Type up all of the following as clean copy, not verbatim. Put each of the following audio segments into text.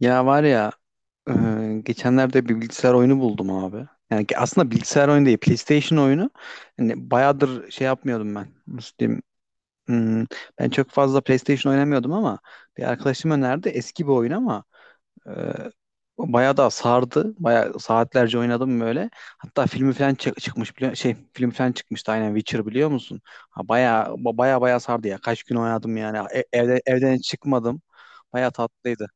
Ya var ya, geçenlerde bir bilgisayar oyunu buldum abi. Yani ki aslında bilgisayar oyunu değil PlayStation oyunu. Hani bayağıdır şey yapmıyordum ben. Nasıl diyeyim? Hmm, ben çok fazla PlayStation oynamıyordum ama bir arkadaşım önerdi. Eski bir oyun ama e, bayağı da sardı. Bayağı saatlerce oynadım böyle. Hatta filmi falan çıkmış biliyor şey film falan çıkmıştı aynen. Witcher biliyor musun? Ha, bayağı bayağı sardı ya. Kaç gün oynadım yani. Evde, evden hiç çıkmadım. Bayağı tatlıydı.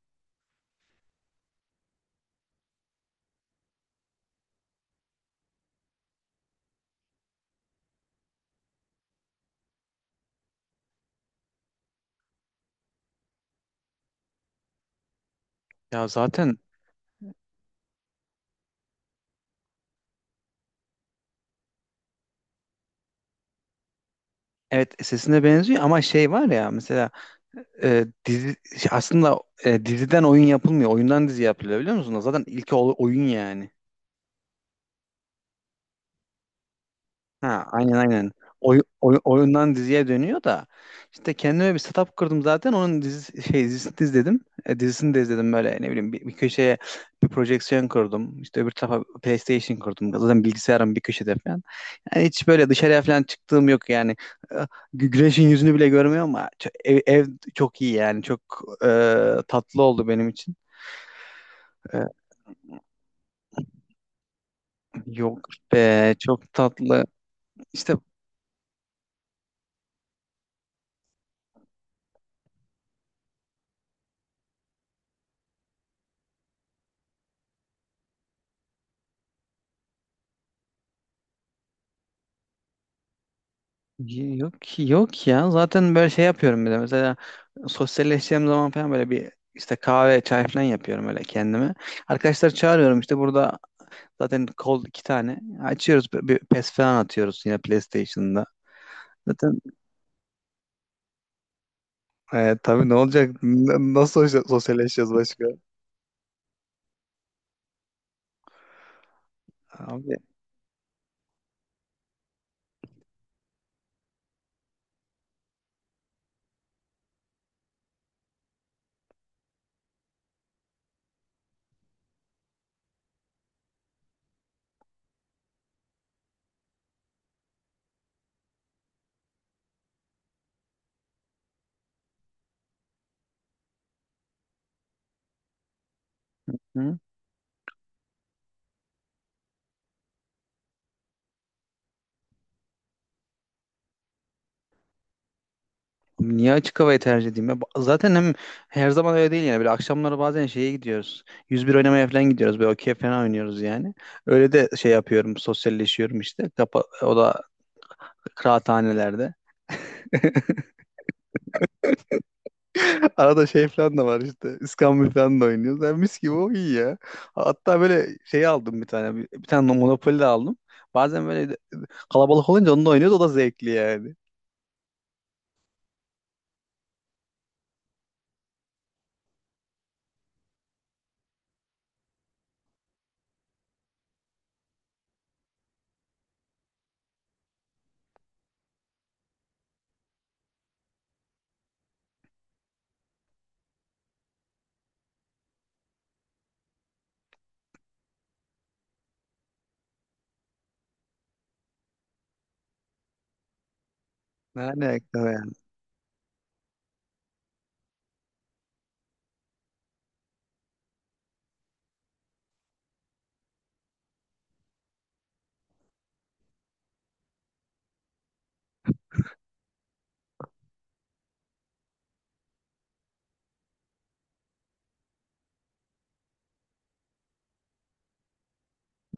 Ya zaten evet, sesine benziyor ama şey var ya, mesela dizi aslında, diziden oyun yapılmıyor. Oyundan dizi yapılıyor, biliyor musunuz? Zaten ilk oyun yani. Ha, aynen aynen. Oyundan diziye dönüyor da işte kendime bir setup kırdım, zaten onun dizi, şey, dizisini de izledim. Dizisini de izledim, böyle ne bileyim bir köşeye bir projeksiyon kurdum. İşte öbür tarafa PlayStation kurdum. Zaten bilgisayarım bir köşede falan. Yani hiç böyle dışarıya falan çıktığım yok yani. E, gü- Güneşin yüzünü bile görmüyorum ama ev çok iyi yani. Çok e, tatlı oldu benim için. E, Yok be, çok tatlı. İşte yok yok ya. Zaten böyle şey yapıyorum bir de. Mesela sosyalleşeceğim zaman falan böyle bir işte kahve, çay falan yapıyorum öyle kendime. Arkadaşlar çağırıyorum işte, burada zaten kol iki tane. Açıyoruz bir PES falan atıyoruz yine PlayStation'da. Zaten tabii ne olacak? Nasıl sosyalleşeceğiz başka? Abi. Hı? Niye açık havayı tercih edeyim ya? Zaten hem her zaman öyle değil yani. Böyle akşamları bazen şeye gidiyoruz. 101 oynamaya falan gidiyoruz. Böyle okey falan oynuyoruz yani. Öyle de şey yapıyorum. Sosyalleşiyorum işte. Kapa, o da kıraathanelerde. Arada şey falan da var işte. İskambil falan da oynuyoruz. Yani mis gibi, o iyi ya. Hatta böyle şey aldım bir tane. Bir tane Monopoly de aldım. Bazen kalabalık olunca onu da oynuyoruz. O da zevkli yani. Ne alaka yani.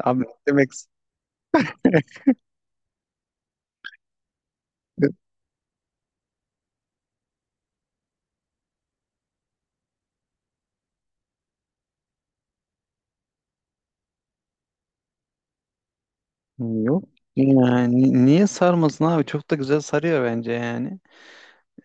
Abi ne demek. Yok. Yani niye sarmasın abi? Çok da güzel sarıyor bence yani.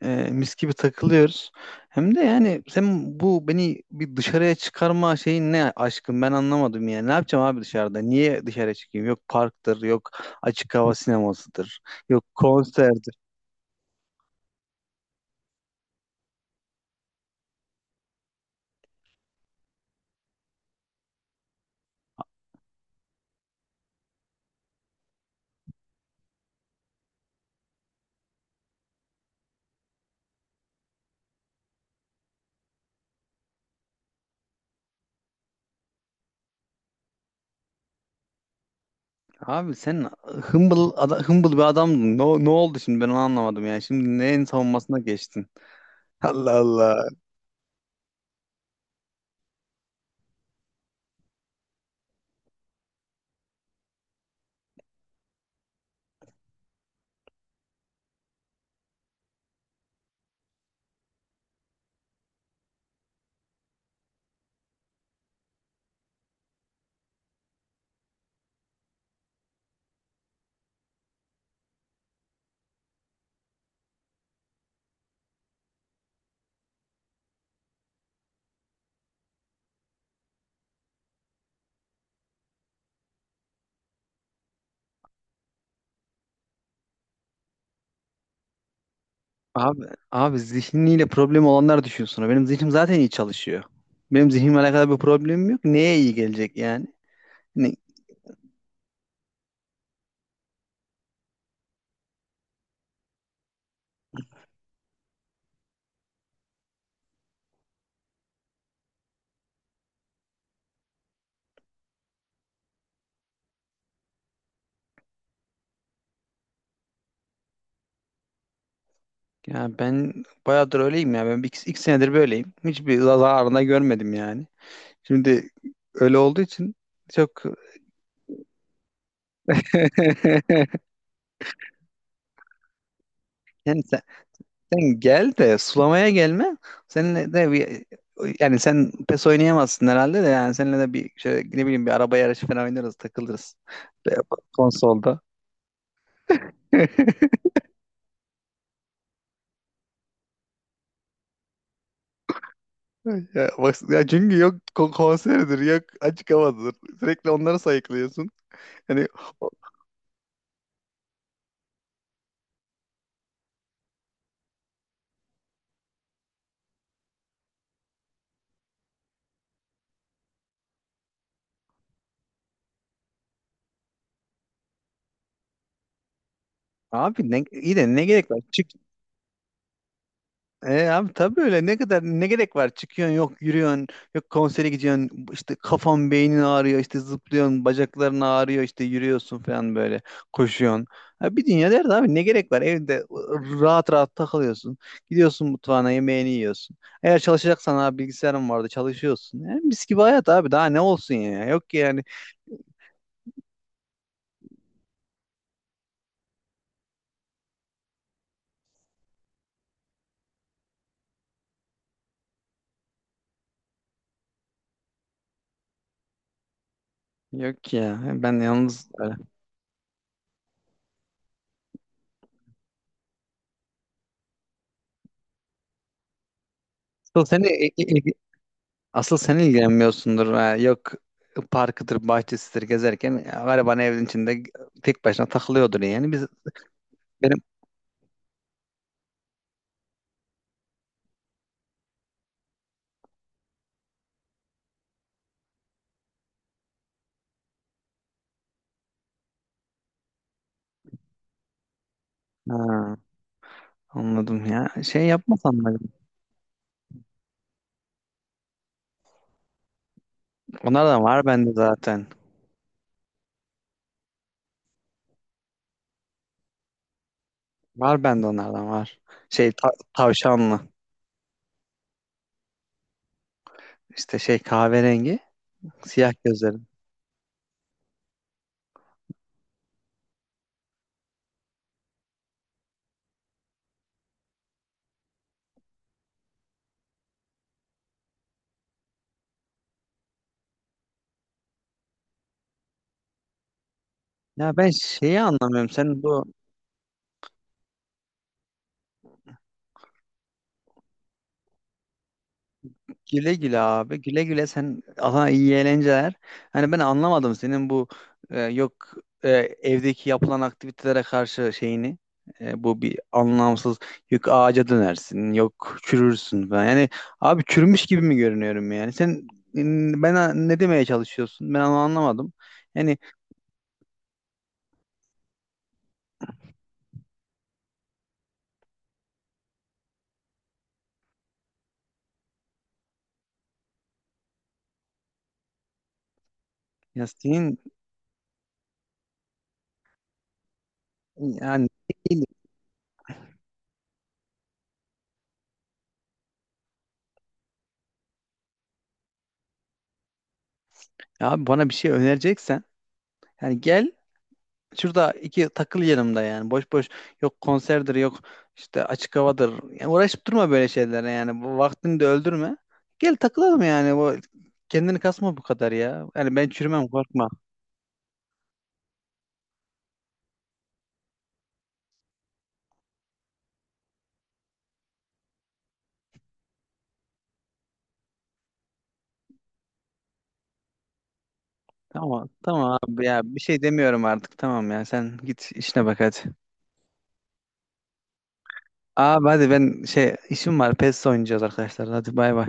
Mis gibi takılıyoruz. Hem de yani sen bu beni bir dışarıya çıkarma şeyin ne aşkım, ben anlamadım yani. Ne yapacağım abi dışarıda? Niye dışarı çıkayım? Yok parktır, yok açık hava sinemasıdır, yok konserdir. Abi sen humble ada, hımbıl bir adamdın. Ne oldu şimdi, ben onu anlamadım yani. Şimdi neyin savunmasına geçtin? Allah Allah. Abi, Abi zihniyle problem olanlar düşünsün. Benim zihnim zaten iyi çalışıyor. Benim zihnimle alakalı bir problemim yok. Neye iyi gelecek yani? Ne- Ya ben bayağıdır öyleyim ya. Ben iki senedir böyleyim. Hiçbir zararını da görmedim yani. Şimdi öyle olduğu için çok. yani sen, Sen gel de sulamaya gelme. Seninle de bir, yani sen pes oynayamazsın herhalde de, yani seninle de bir şöyle ne bileyim bir araba yarışı falan oynarız, takılırız. Böyle konsolda. Ya, bak, ya çünkü yok konseridir, yok açık havadır. Sürekli onları sayıklıyorsun. Hani o- abi ne, iyi de ne gerek var? Çık. E, abi tabii öyle, ne kadar ne gerek var? Çıkıyorsun, yok yürüyorsun, yok konsere gidiyorsun, işte kafan beynin ağrıyor, işte zıplıyorsun, bacakların ağrıyor, işte yürüyorsun falan, böyle koşuyorsun. Ha, bir dünya derdi abi, ne gerek var? Evde rahat rahat takılıyorsun. Gidiyorsun mutfağına, yemeğini yiyorsun. Eğer çalışacaksan abi, bilgisayarın vardı, çalışıyorsun. Yani mis gibi hayat abi, daha ne olsun ya. Yok ki yani. Yok ya, ben yalnız böyle. asıl seni Asıl sen ilgilenmiyorsundur ha. Yok parkıdır bahçesidir gezerken ya, gariban evin içinde tek başına takılıyordur yani. Biz benim Ha, anladım ya, şey yapmasan da onlardan var bende zaten, var bende onlardan var. Şey tavşanlı, işte şey kahverengi siyah gözlerin. Ya ben şeyi anlamıyorum, sen bu güle güle abi. Güle güle sen, Allah iyi eğlenceler. Hani ben anlamadım senin bu, e, yok e, evdeki yapılan aktivitelere karşı şeyini. E, bu bir anlamsız, yok ağaca dönersin, yok çürürsün falan. Yani abi çürümüş gibi mi görünüyorum yani? Sen ben Ne demeye çalışıyorsun? Ben onu anlamadım. Yani, ya senin, yani değil. Abi bana bir şey önereceksen, yani gel şurada iki takıl yanımda yani. Boş boş, yok konserdir, yok işte açık havadır. Yani uğraşıp durma böyle şeylere yani. Bu vaktini de öldürme. Gel takılalım yani. Bu kendini kasma bu kadar ya. Yani ben çürümem, korkma. Tamam tamam abi ya, bir şey demiyorum artık. Tamam ya, sen git işine bak hadi. Abi hadi ben şey, işim var. PES oynayacağız arkadaşlar. Hadi bay bay.